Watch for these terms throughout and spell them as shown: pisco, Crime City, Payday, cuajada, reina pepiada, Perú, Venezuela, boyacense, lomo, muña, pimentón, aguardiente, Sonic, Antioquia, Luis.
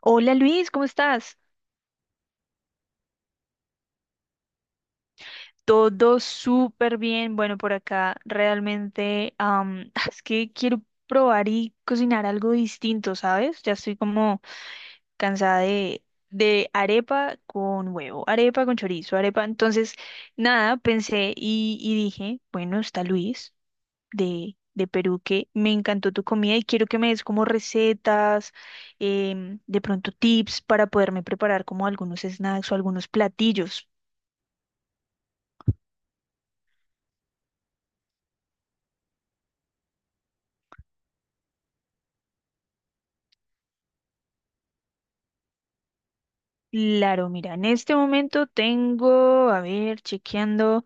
Hola Luis, ¿cómo estás? Todo súper bien. Bueno, por acá realmente es que quiero probar y cocinar algo distinto, ¿sabes? Ya estoy como cansada de arepa con huevo, arepa con chorizo, arepa. Entonces, nada, pensé y dije, bueno, está Luis de Perú, que me encantó tu comida, y quiero que me des como recetas, de pronto tips para poderme preparar como algunos snacks o algunos platillos. Claro, mira, en este momento tengo, a ver, chequeando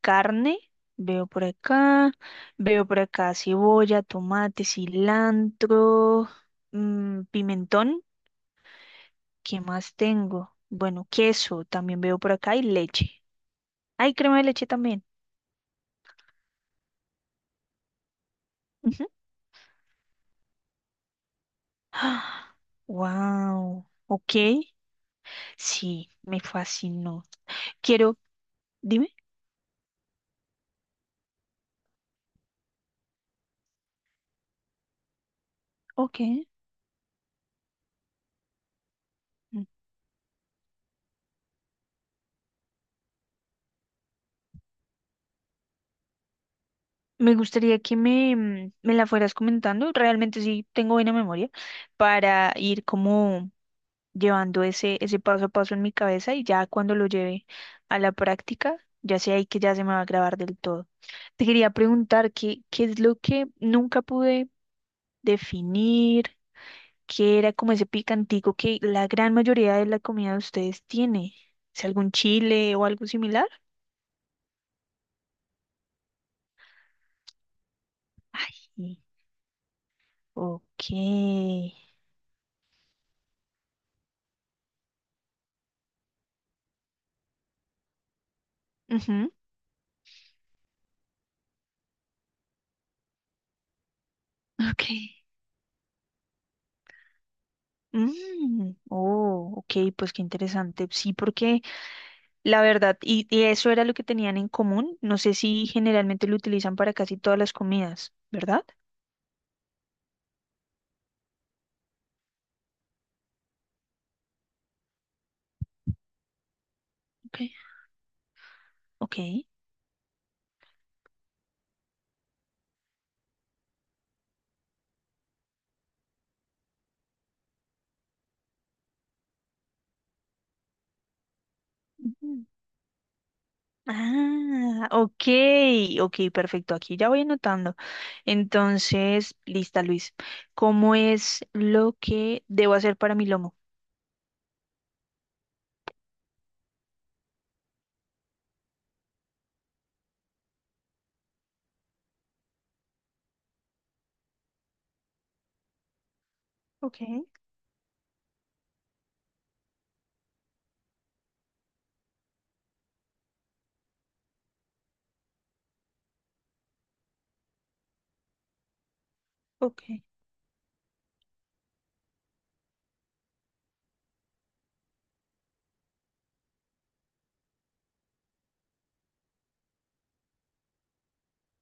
carne, veo por acá, veo por acá cebolla, tomate, cilantro, mm, pimentón, ¿qué más tengo? Bueno, queso también veo por acá y leche. Hay crema de leche también. Ujú. Wow, ok, sí, me fascinó. Quiero, dime, ok. Me gustaría que me la fueras comentando, realmente sí tengo buena memoria, para ir como llevando ese paso a paso en mi cabeza y ya cuando lo lleve a la práctica, ya sé ahí que ya se me va a grabar del todo. Te quería preguntar qué es lo que nunca pude definir, qué era como ese picantico que la gran mayoría de la comida de ustedes tiene. ¿Es algún chile o algo similar? Sí. Ok. Ujú. Ok. Mm, oh, ok, pues qué interesante. Sí, porque la verdad, y eso era lo que tenían en común. No sé si generalmente lo utilizan para casi todas las comidas, ¿verdad? Okay. Ok. Ujú. Ah, ok, ok, perfecto. Aquí ya voy anotando. Entonces, lista, Luis. ¿Cómo es lo que debo hacer para mi lomo? Ok, ok.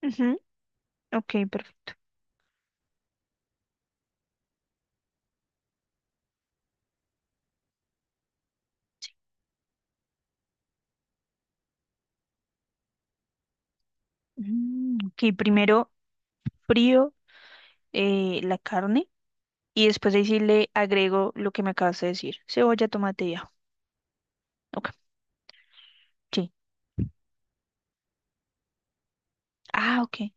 Ujú, ok, perfecto. Mm, ok, primero frío la carne. Y después ahí sí le agrego lo que me acabas de decir. Cebolla, tomate y ajo. Ok, sí. Ah, ok.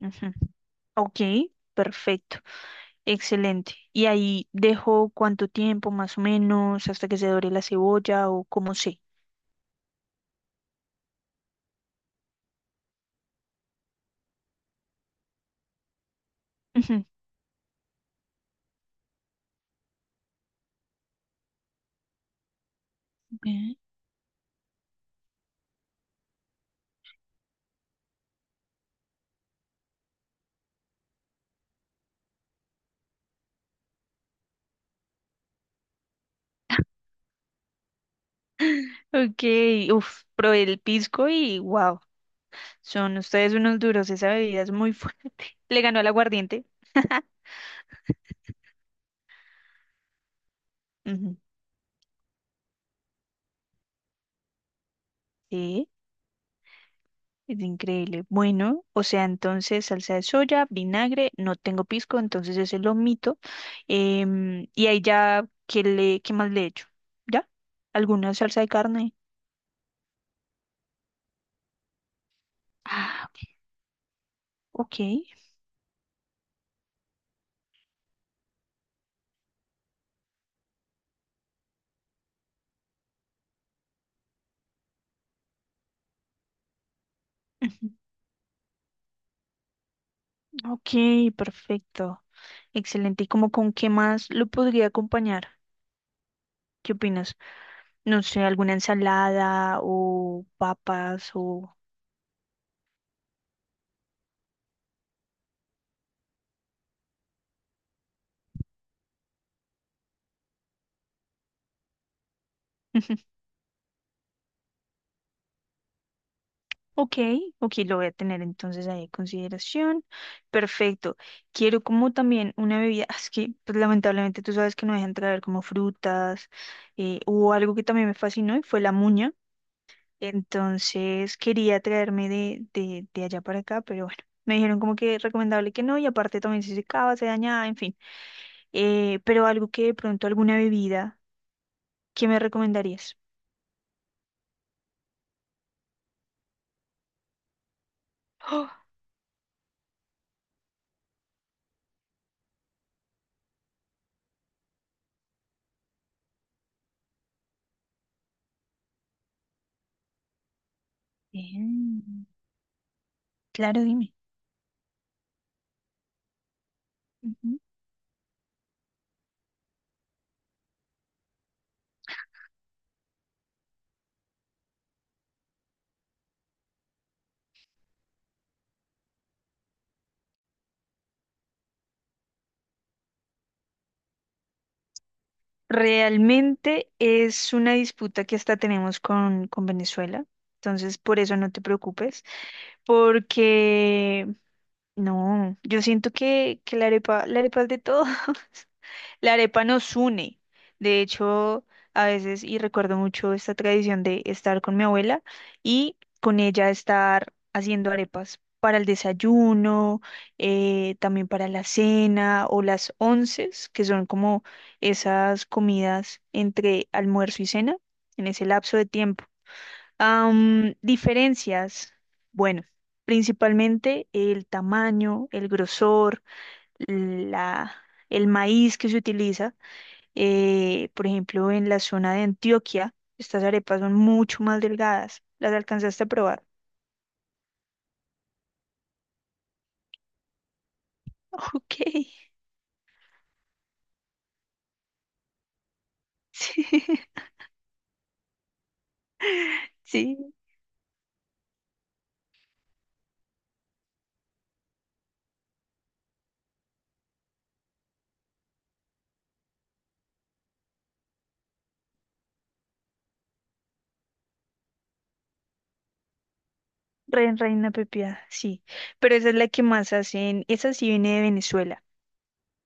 Ujú. Ok, perfecto. Excelente. Y ahí dejo cuánto tiempo más o menos hasta que se dore la cebolla o como sé. Ujú, ok. Ok, uf, probé el pisco y wow, son ustedes unos duros, esa bebida es muy fuerte. Le ganó al aguardiente. Ujú, sí. Es increíble. Bueno, o sea, entonces salsa de soya, vinagre, no tengo pisco, entonces ese lo omito. Y ahí ya, ¿qué más le echo? ¿Ya? ¿Alguna salsa de carne? Ah, ok. Ujú. Ok, perfecto. Excelente. ¿Y como con qué más lo podría acompañar? ¿Qué opinas? No sé, alguna ensalada o papas o... Ok, ok, lo voy a tener entonces ahí en consideración. Perfecto. Quiero como también una bebida, es que pues, lamentablemente tú sabes que no dejan traer como frutas o algo que también me fascinó y fue la muña. Entonces quería traerme de allá para acá, pero bueno, me dijeron como que recomendable que no y aparte también si se secaba, se dañaba, en fin. Pero algo que de pronto, alguna bebida, ¿qué me recomendarías? Oh, bien, claro, dime. Realmente es una disputa que hasta tenemos con Venezuela, entonces por eso no te preocupes, porque no, yo siento que la arepa es de todos. La arepa nos une. De hecho, a veces, y recuerdo mucho esta tradición de estar con mi abuela y con ella estar haciendo arepas para el desayuno, también para la cena o las onces, que son como esas comidas entre almuerzo y cena, en ese lapso de tiempo. Diferencias. Bueno, principalmente el tamaño, el grosor, la, el maíz que se utiliza. Por ejemplo, en la zona de Antioquia, estas arepas son mucho más delgadas. ¿Las alcanzaste a probar? Ok, sí, sí. Reina, reina pepiada, sí. Pero esa es la que más hacen. Esa sí viene de Venezuela,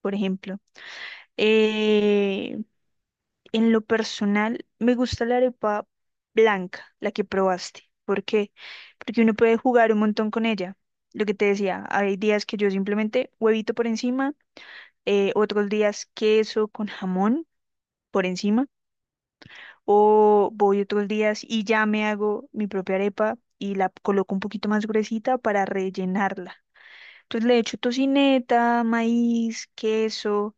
por ejemplo. Eh, En lo personal, me gusta la arepa blanca, la que probaste. ¿Por qué? Porque uno puede jugar un montón con ella. Lo que te decía, hay días que yo simplemente huevito por encima, otros días queso con jamón por encima, o voy otros días y ya me hago mi propia arepa y la coloco un poquito más gruesita para rellenarla. Entonces le echo tocineta, maíz, queso,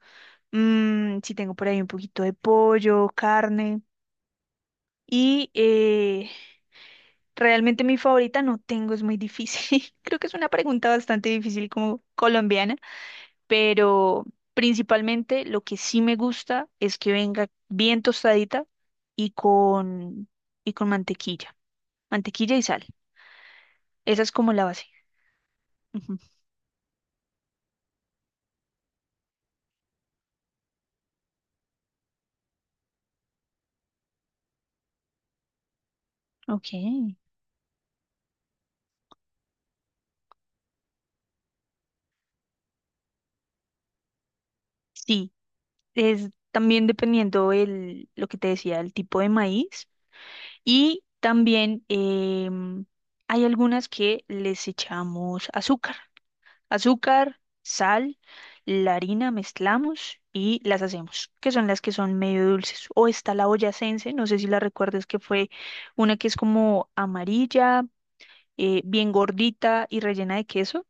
mm, si tengo por ahí un poquito de pollo, carne. Y realmente mi favorita no tengo, es muy difícil. Creo que es una pregunta bastante difícil como colombiana, pero principalmente lo que sí me gusta es que venga bien tostadita y con y con mantequilla, mantequilla y sal. Esa es como la base. Ujú. Ok. Sí, es también dependiendo el lo que te decía, el tipo de maíz y también hay algunas que les echamos azúcar. Azúcar, sal, la harina mezclamos y las hacemos, que son las que son medio dulces. O está la boyacense, no sé si la recuerdas, que fue una que es como amarilla, bien gordita y rellena de queso.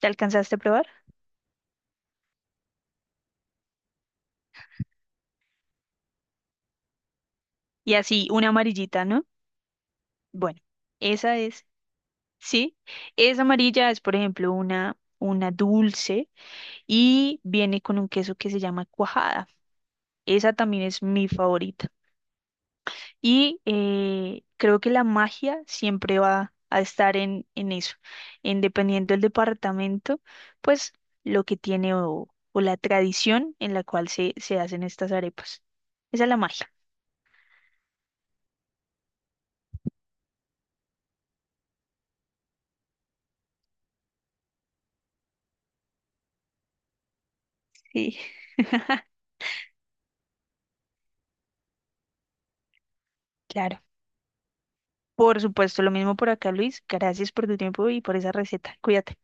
¿Te alcanzaste a probar? Y así, una amarillita, ¿no? Bueno, esa es, sí. Esa amarilla es, por ejemplo, una dulce y viene con un queso que se llama cuajada. Esa también es mi favorita. Y creo que la magia siempre va a estar en eso, en dependiendo del departamento, pues lo que tiene o la tradición en la cual se, se hacen estas arepas. Esa es la magia. Sí, claro. Por supuesto, lo mismo por acá, Luis. Gracias por tu tiempo y por esa receta. Cuídate.